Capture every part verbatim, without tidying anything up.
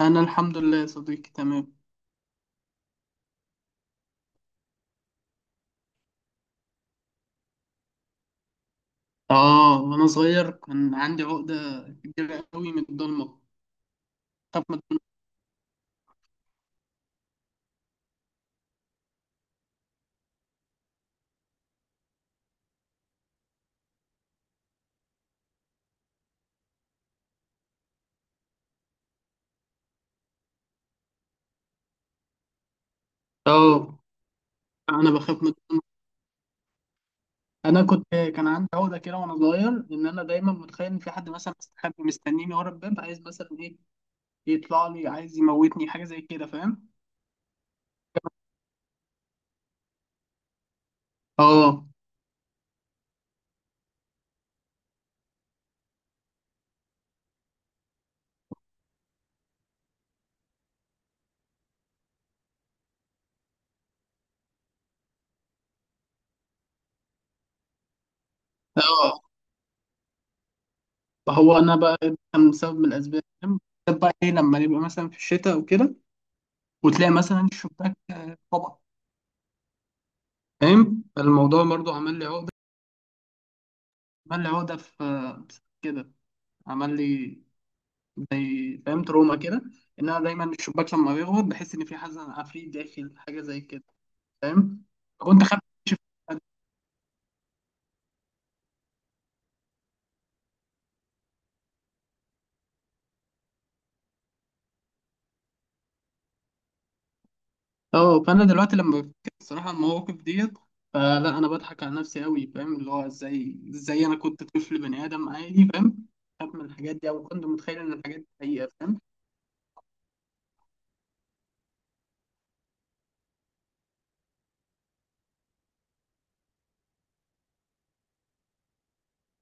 أنا الحمد لله يا صديقي، تمام. آه، وأنا صغير كان عندي عقدة كبيرة قوي من الضلمة. بخاف من الضلمة. آه، أنا بخاف من الضلمة. أنا كنت كان عندي عقدة كده، وأنا صغير، إن أنا دايما متخيل إن في حد مثلا مستخبي مستنيني ورا الباب، عايز مثلا إيه يطلع لي عايز يموتني، حاجة زي كده، فاهم؟ آه، آه. فهو أنا بقى ده كان بسبب من الأسباب، فاهم؟ بالذات بقى إيه لما نبقى مثلا في الشتاء وكده، وتلاقي مثلا الشباك، طبعا. فاهم الموضوع برضو عمل لي عقدة عمل لي عقدة في كده، عمل لي زي، فاهم، تروما كده، ان انا دايما الشباك لما بيغلق بحس ان في حزن عفريت داخل، حاجة زي كده، فاهم. كنت خايف أكتشف الحاجة. اه، فانا دلوقتي لما بفتكر الصراحه المواقف ديت، فلا انا بضحك على نفسي قوي، فاهم، اللي هو ازاي ازاي انا كنت طفل بني ادم عادي، فاهم، بخاف من الحاجات دي، او كنت متخيل ان الحاجات دي حقيقه، فاهم؟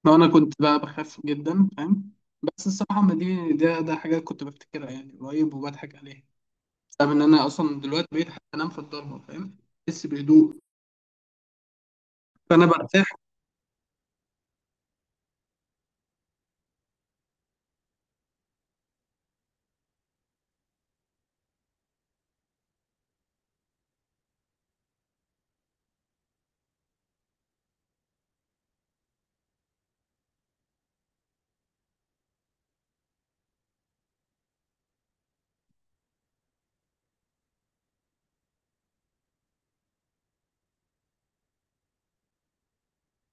لو انا كنت بقى بخاف جدا، فاهم. بس الصراحه ما دي ده ده حاجه كنت بفتكرها يعني قريب وبضحك عليها، فاهم ان انا اصلا دلوقتي بقيت حتى انام في الضلمه، فاهم. بحس بهدوء. فانا برتاح.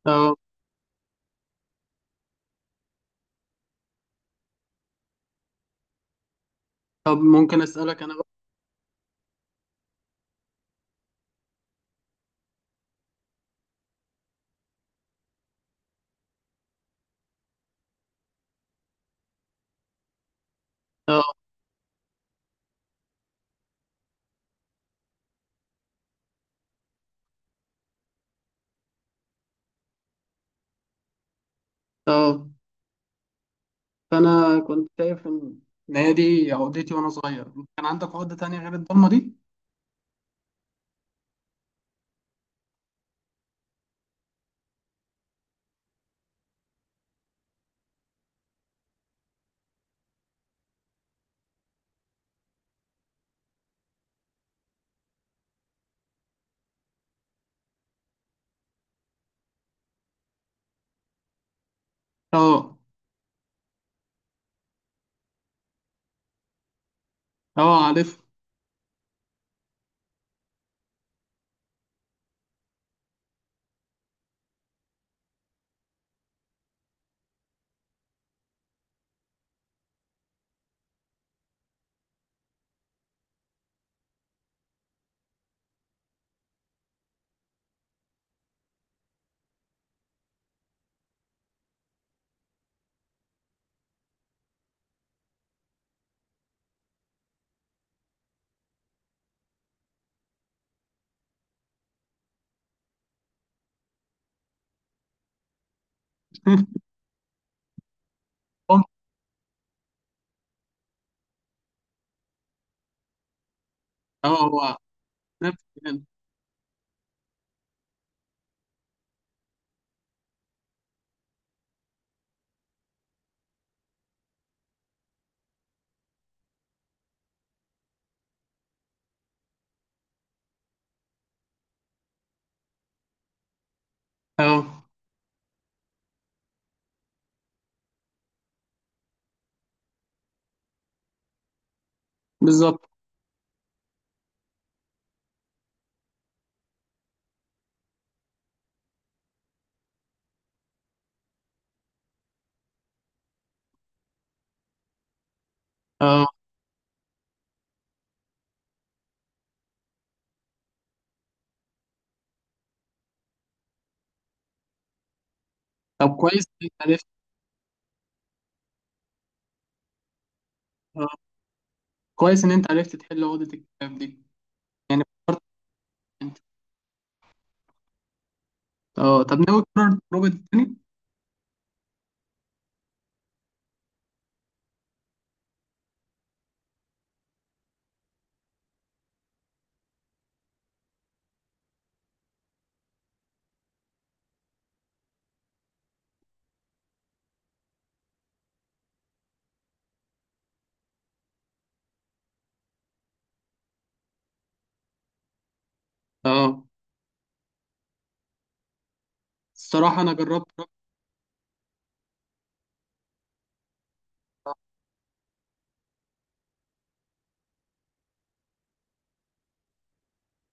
اه، طب ممكن اسالك انا بقى. اه، اه، فانا كنت شايف ان إن هي دي عقدتي وانا صغير. إنت كان عندك عقده تانية غير الضلمه دي؟ اه، اه، عارف. اه، هو نفس الكلام. اه، بالظبط. اه، طب كويس ان انت عرفت. اه، كويس ان انت عرفت تحل عقده الكتاب دي. يعني فكرت، انت، اه، طب ناوي تكرر التجربه دي تاني؟ اه، الصراحه انا جربت.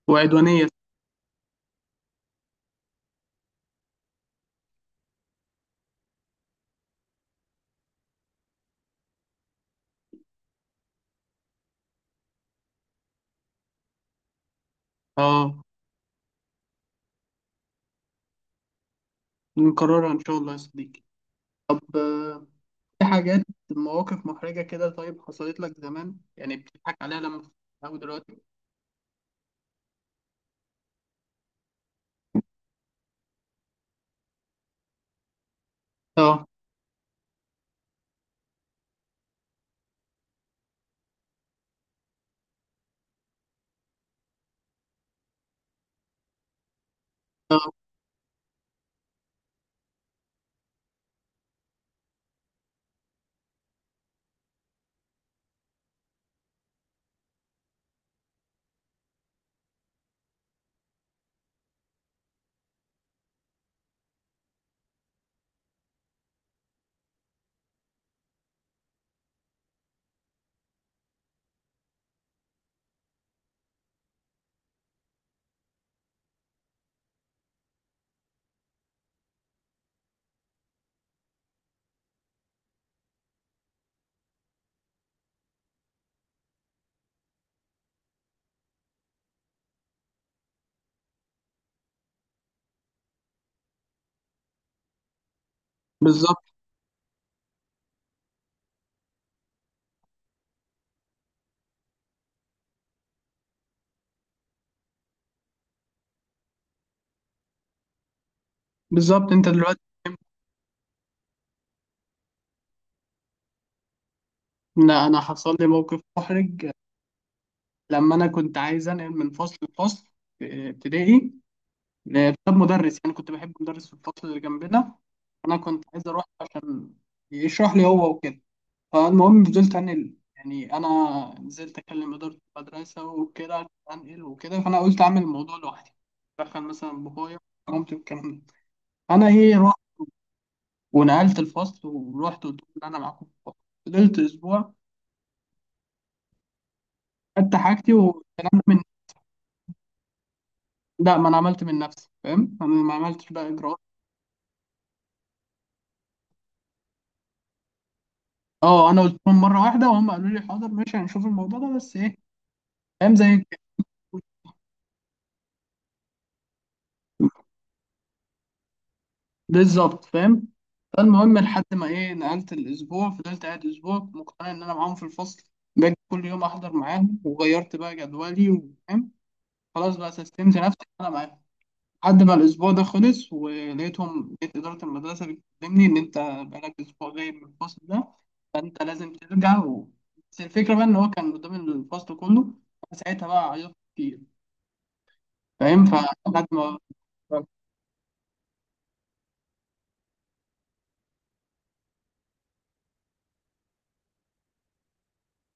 وعدوانيه. اه، نكررها ان شاء الله يا صديقي. طب، آه، في حاجات، مواقف محرجة كده، طيب حصلت لك زمان يعني بتضحك عليها لما بتتعود دلوقتي؟ اه، اه، بالظبط. بالظبط انت دلوقتي. لا انا حصل لي موقف محرج لما انا كنت عايز انقل من فصل لفصل في ابتدائي، بسبب مدرس يعني كنت بحب مدرس في الفصل اللي جنبنا. انا كنت عايز اروح عشان يشرح لي هو وكده. فالمهم فضلت انقل، يعني انا نزلت اكلم اداره المدرسه وكده عشان انقل وكده، فانا قلت اعمل الموضوع لوحدي. دخل مثلا بابايا ومامتي والكلام ده. فانا ايه رحت ونقلت الفصل ورحت قلت لهم ان انا معاكم في الفصل. فضلت اسبوع. خدت حاجتي والكلام ده من. لا، ما انا عملت من نفسي، فاهم، انا ما عملتش بقى اجراءات. اه، انا قلت لهم مره واحده وهم قالوا لي حاضر ماشي هنشوف الموضوع ده، بس ايه، فاهم، زي كده. بالظبط، فاهم. فالمهم لحد ما ايه نقلت الاسبوع، فضلت قاعد اسبوع مقتنع ان انا معاهم في الفصل، باجي كل يوم احضر معاهم وغيرت بقى جدولي، وفاهم، خلاص بقى سستمت نفسي إن انا معاهم. لحد ما الاسبوع ده خلص ولقيتهم لقيت اداره المدرسه بتكلمني ان انت بقالك اسبوع غايب من الفصل ده، فانت لازم ترجع و... بس الفكره بقى ان هو كان قدام الفصل كله، انا ساعتها بقى عيطت كتير، فاهم، فلحد ما، اه،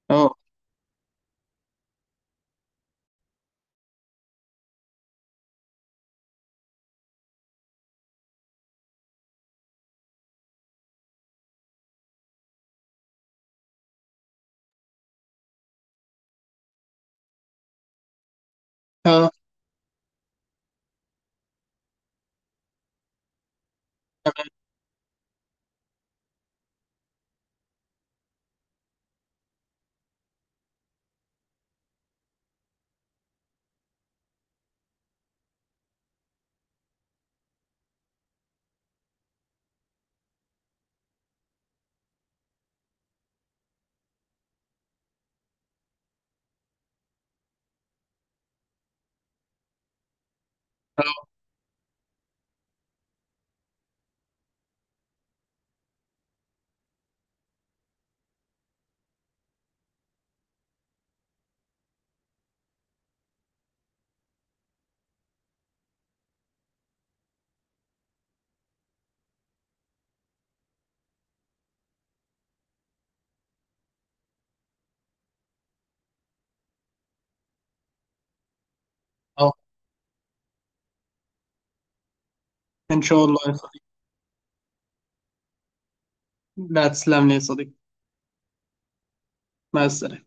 اه، تمام. آه، آه، ان شاء الله. لا، تسلم لي يا صديقي. مع السلامة.